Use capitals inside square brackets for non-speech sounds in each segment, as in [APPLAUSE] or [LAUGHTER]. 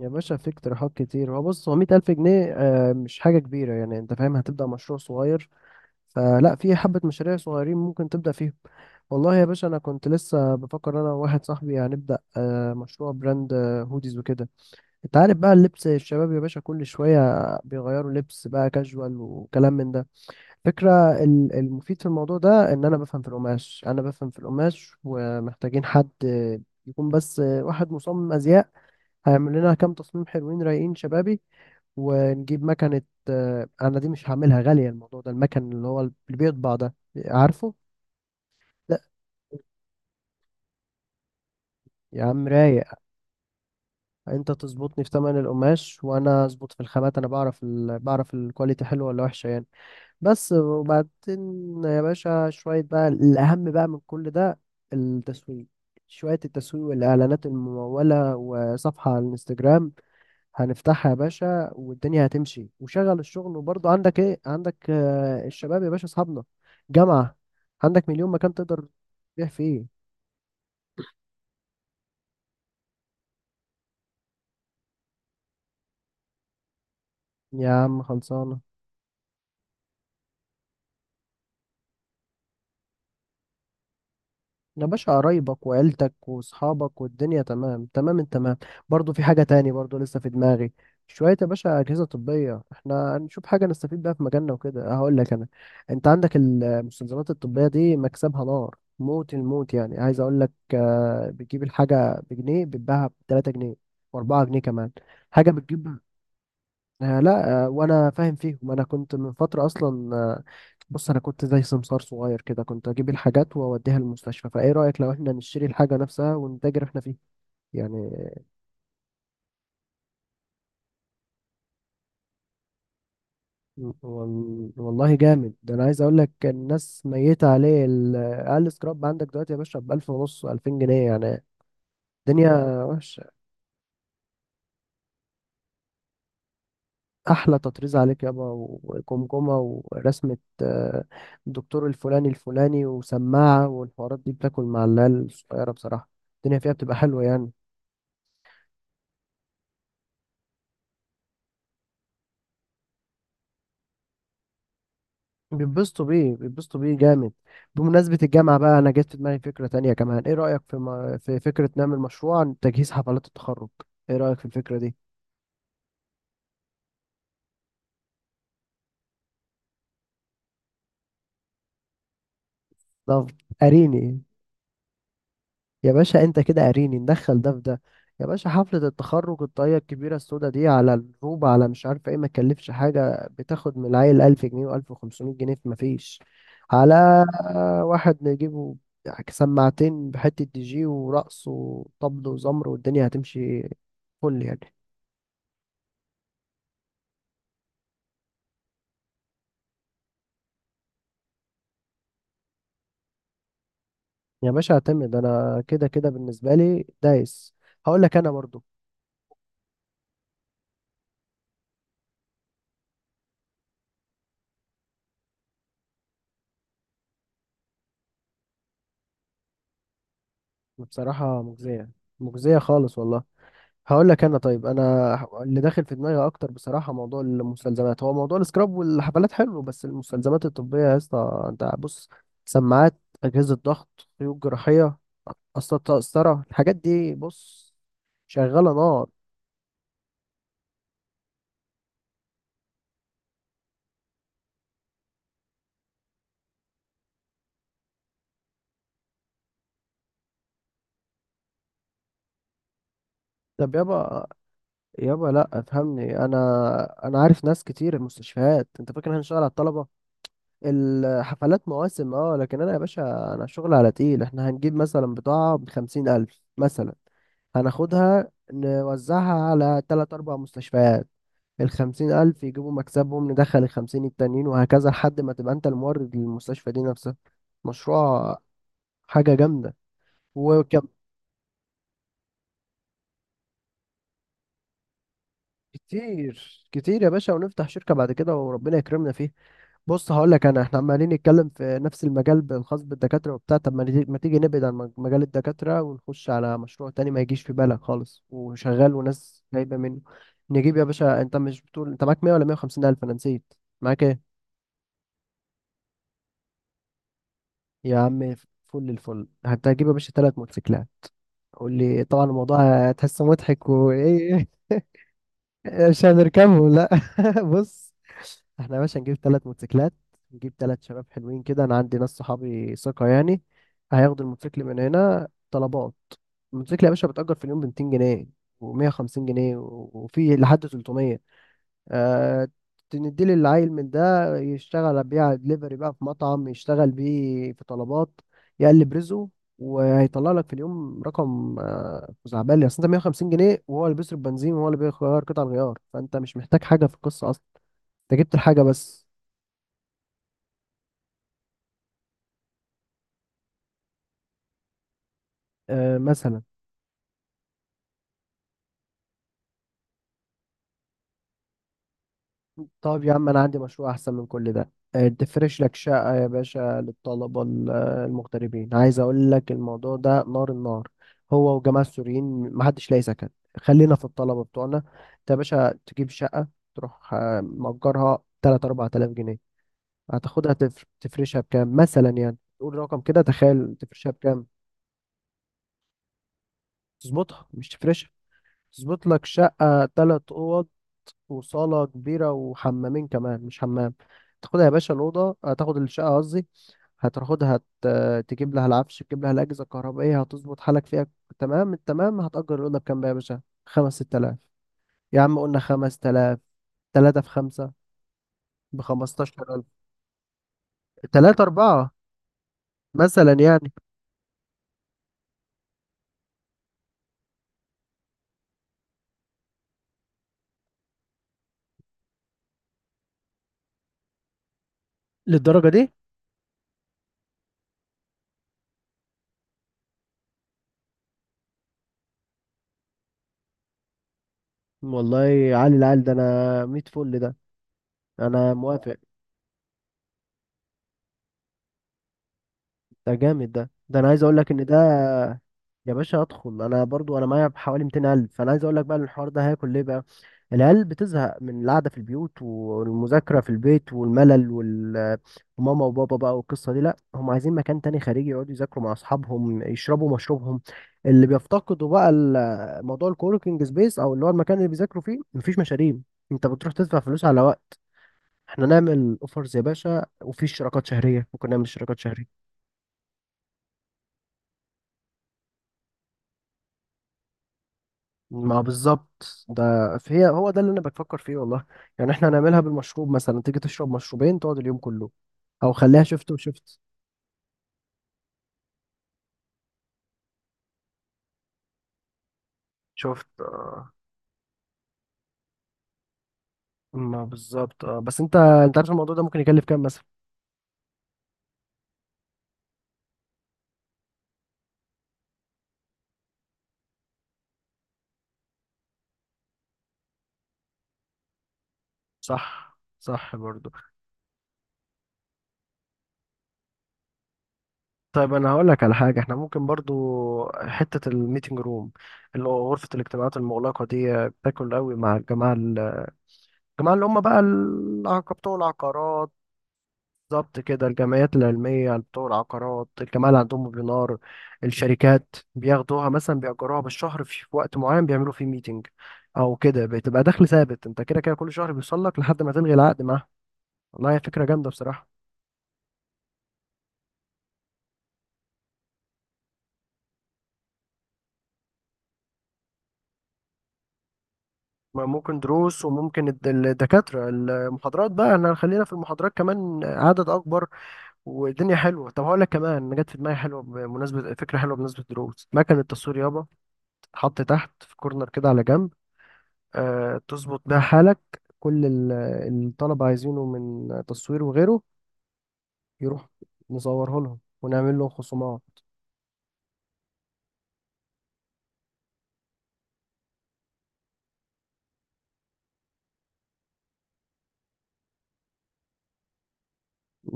يا باشا في اقتراحات كتير. هو بص، هو 100 ألف جنيه مش حاجة كبيرة يعني. أنت فاهم، هتبدأ مشروع صغير فلا، في حبة مشاريع صغيرين ممكن تبدأ فيهم. والله يا باشا أنا كنت لسه بفكر أنا وواحد صاحبي هنبدأ مشروع براند، هوديز وكده. أنت عارف بقى، اللبس الشباب يا باشا كل شوية بيغيروا لبس بقى كاجوال وكلام من ده. فكرة. المفيد في الموضوع ده إن أنا بفهم في القماش، أنا بفهم في القماش. ومحتاجين حد يكون بس واحد مصمم أزياء، هيعمل لنا كام تصميم حلوين رايقين شبابي، ونجيب مكنة. أنا دي مش هعملها غالية، الموضوع ده المكن اللي هو اللي بيطبع ده. عارفه؟ لا يا عم رايق. أنت تظبطني في تمن القماش وأنا أظبط في الخامات. أنا بعرف بعرف الكواليتي حلوة ولا وحشة يعني. بس وبعدين يا باشا شوية بقى الأهم بقى من كل ده، التسويق. شوية التسويق والإعلانات الممولة وصفحة على الانستجرام هنفتحها يا باشا، والدنيا هتمشي. وشغل الشغل، وبرضه عندك ايه؟ عندك الشباب يا باشا، اصحابنا جامعة. عندك مليون مكان تقدر تبيع فيه. يا عم خلصانة. يا باشا قرايبك وعيلتك واصحابك والدنيا تمام تمام التمام. برضو في حاجة تاني برضو لسه في دماغي، شوية يا باشا أجهزة طبية. احنا هنشوف حاجة نستفيد بيها في مجالنا وكده. هقول لك أنا، أنت عندك المستلزمات الطبية دي مكسبها نار، موت الموت يعني. عايز أقول لك بتجيب الحاجة بجنيه بتباعها بتلاتة جنيه وأربعة جنيه كمان حاجة بتجيب. لا وانا فاهم فيهم. انا كنت من فتره اصلا بص، انا كنت زي سمسار صغير كده، كنت اجيب الحاجات واوديها المستشفى. فايه رايك لو احنا نشتري الحاجه نفسها ونتاجر احنا فيها يعني؟ والله جامد ده. انا عايز اقول لك الناس ميته عليه، اقل سكراب عندك دلوقتي يا باشا ب 1000 ونص 2000 جنيه يعني. الدنيا وحشه. احلى تطريز عليك يابا، وجمجمه ورسمه، الدكتور الفلاني الفلاني، وسماعه، والحوارات دي بتاكل مع العيال الصغيره بصراحه. الدنيا فيها بتبقى حلوه يعني. بيتبسطوا بيه، بيتبسطوا بيه جامد. بمناسبه الجامعه بقى، انا جت في دماغي فكره تانية كمان. ايه رايك في في فكره نعمل مشروع عن تجهيز حفلات التخرج؟ ايه رايك في الفكره دي؟ طب اريني. يا باشا انت كده قاريني، ندخل ده في ده. يا باشا حفلة التخرج الطاقية الكبيرة السودا دي على الروبة على مش عارف ايه، ما تكلفش حاجة، بتاخد من العيل 1000 جنيه وألف وخمسمية جنيه، في مفيش. على واحد نجيبه يعني، سماعتين بحتة دي جي ورقص وطبل وزمر، والدنيا هتمشي فل يعني. يا باشا اعتمد انا كده كده، بالنسبة لي دايس. هقول لك انا برضو، بصراحة مجزية، مجزية خالص والله. هقول لك انا، طيب انا اللي داخل في دماغي اكتر بصراحه موضوع المستلزمات. هو موضوع السكراب والحفلات حلو، بس المستلزمات الطبيه يا اسطى انت بص، سماعات، اجهزه ضغط، خيوط جراحيه، اصلا قسطره، الحاجات دي بص شغاله نار. طب يابا، يابا لا افهمني انا. عارف ناس كتير المستشفيات. انت فاكر هنشتغل على الطلبه؟ الحفلات مواسم اه، لكن انا يا باشا انا شغل على تقيل. احنا هنجيب مثلا بضاعة بخمسين الف مثلا، هناخدها نوزعها على تلات أربع مستشفيات. ال50 ألف يجيبوا مكسبهم، ندخل الخمسين التانيين، وهكذا لحد ما تبقى أنت المورد للمستشفى دي نفسها. مشروع، حاجة جامدة. كتير كتير يا باشا، ونفتح شركة بعد كده وربنا يكرمنا فيه. بص هقول لك انا، احنا عمالين نتكلم في نفس المجال الخاص بالدكاترة وبتاع طب. ما ما تيجي نبعد عن مجال الدكاترة، ونخش على مشروع تاني ما يجيش في بالك خالص وشغال وناس جايبة منه. نجيب، يا باشا انت مش بتقول انت معاك 100 ولا 150 الف؟ انا نسيت، معاك ايه؟ يا عم، فل الفل. هتجيب يا باشا ثلاث موتوسيكلات. قول لي طبعا، الموضوع هتحسه مضحك وايه [LAUGHS] مش هنركبهم لا [LAUGHS] بص، احنا يا باشا نجيب ثلاث موتوسيكلات، نجيب ثلاث شباب حلوين كده. انا عندي ناس صحابي ثقة يعني، هياخدوا الموتوسيكل من هنا طلبات. الموتوسيكل يا باشا بتأجر في اليوم ب 200 جنيه و150 جنيه وفي لحد 300. أه، تنديلي العيل من ده يشتغل بيع دليفري بقى في مطعم، يشتغل بيه في طلبات يقلب رزقه، وهيطلع لك في اليوم رقم خزعبلي. اصل انت 150 جنيه، وهو اللي بيصرف بنزين، وهو اللي بيغير قطع الغيار. فانت مش محتاج حاجة في القصة اصلا، انت جبت الحاجة بس. مثلا. طب يا عم انا عندي مشروع احسن من كل ده تفرش لك شقة يا باشا للطلبة المغتربين. عايز اقول لك الموضوع ده نار النار. هو وجماعة السوريين محدش لاقي سكن. خلينا في الطلبة بتوعنا. انت يا باشا تجيب شقة، تروح مأجرها 3 4000 جنيه، هتاخدها تفرشها بكام مثلا يعني؟ تقول رقم كده، تخيل تفرشها بكام. تظبطها مش تفرشها. تظبط لك شقة تلات أوض وصالة كبيرة وحمامين كمان، مش حمام. تاخدها يا باشا الأوضة، هتاخد الشقة قصدي. هتاخدها، تجيب لها العفش، تجيب لها الأجهزة الكهربائية، هتظبط حالك فيها تمام التمام. هتأجر الأوضة بكام بقى يا باشا؟ خمس ست آلاف. يا عم قلنا خمس تلاف، تلاتة في خمسة، ب15 ألف. تلاتة أربعة مثلا يعني. للدرجة دي؟ والله عالي العال ده، أنا ميت فل ده، أنا موافق. ده جامد ده، أنا عايز أقول لك إن ده، يا باشا ادخل. انا برضو انا معايا حوالي 200 قلب. فانا عايز اقول لك بقى إن الحوار ده هياكل ليه بقى. العيال بتزهق من القعده في البيوت والمذاكره في البيت والملل وماما وبابا بقى والقصه دي لا، هم عايزين مكان تاني خارجي يقعدوا يذاكروا مع اصحابهم، يشربوا مشروبهم. اللي بيفتقدوا بقى موضوع الكوركينج سبيس، او اللي هو المكان اللي بيذاكروا فيه مفيش مشاريب، انت بتروح تدفع فلوس على وقت. احنا نعمل اوفرز يا باشا، وفي اشتراكات شهريه، ممكن نعمل اشتراكات شهريه. ما بالظبط ده، فهي هو ده اللي انا بفكر فيه والله. يعني احنا هنعملها بالمشروب، مثلا تيجي تشرب مشروبين تقعد اليوم كله، او خليها شفت وشفت. شفت آه. ما بالظبط اه، بس انت انت عارف الموضوع ده ممكن يكلف كام مثلا؟ صح صح برضو. طيب انا هقول لك على حاجة، احنا ممكن برضو حتة الميتنج روم، اللي هو غرفة الاجتماعات المغلقة دي، بتاكل قوي مع الجماعة الجماعة اللي هم بقى العقبة بتوع العقارات. بالظبط كده، الجمعيات العلمية بتوع العقارات، الجماعة اللي عندهم ويبينار، الشركات بياخدوها مثلا، بيأجروها بالشهر في وقت معين بيعملوا فيه ميتنج أو كده. بتبقى دخل ثابت، أنت كده كده كل شهر بيوصل لك لحد ما تلغي العقد معاه. والله هي فكرة جامدة بصراحة. ما ممكن دروس، وممكن الدكاترة المحاضرات بقى، احنا خلينا في المحاضرات كمان عدد أكبر والدنيا حلوة. طب هقول لك كمان جت في دماغي حلوة بمناسبة، فكرة حلوة بمناسبة دروس، مكنة التصوير يابا تتحط تحت في كورنر كده على جنب، تظبط بيها حالك. كل الطلبة عايزينه من تصوير وغيره يروح نصوره لهم ونعمل لهم خصومات.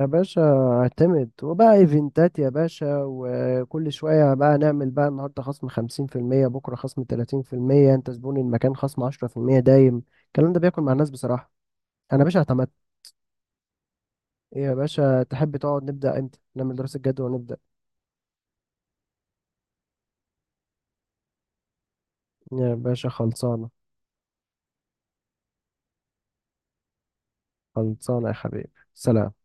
يا باشا اعتمد. وبقى ايفنتات يا باشا، وكل شوية بقى نعمل بقى النهاردة خصم 50%، بكرة خصم 30%، انت زبون المكان خصم 10% دايم. الكلام ده بياكل مع الناس بصراحة. انا يا باشا اعتمدت. إيه يا باشا، تحب تقعد نبدأ امتى، نعمل دراسة جدوى ونبدأ؟ يا باشا خلصانة. خلصانة يا حبيبي، سلام.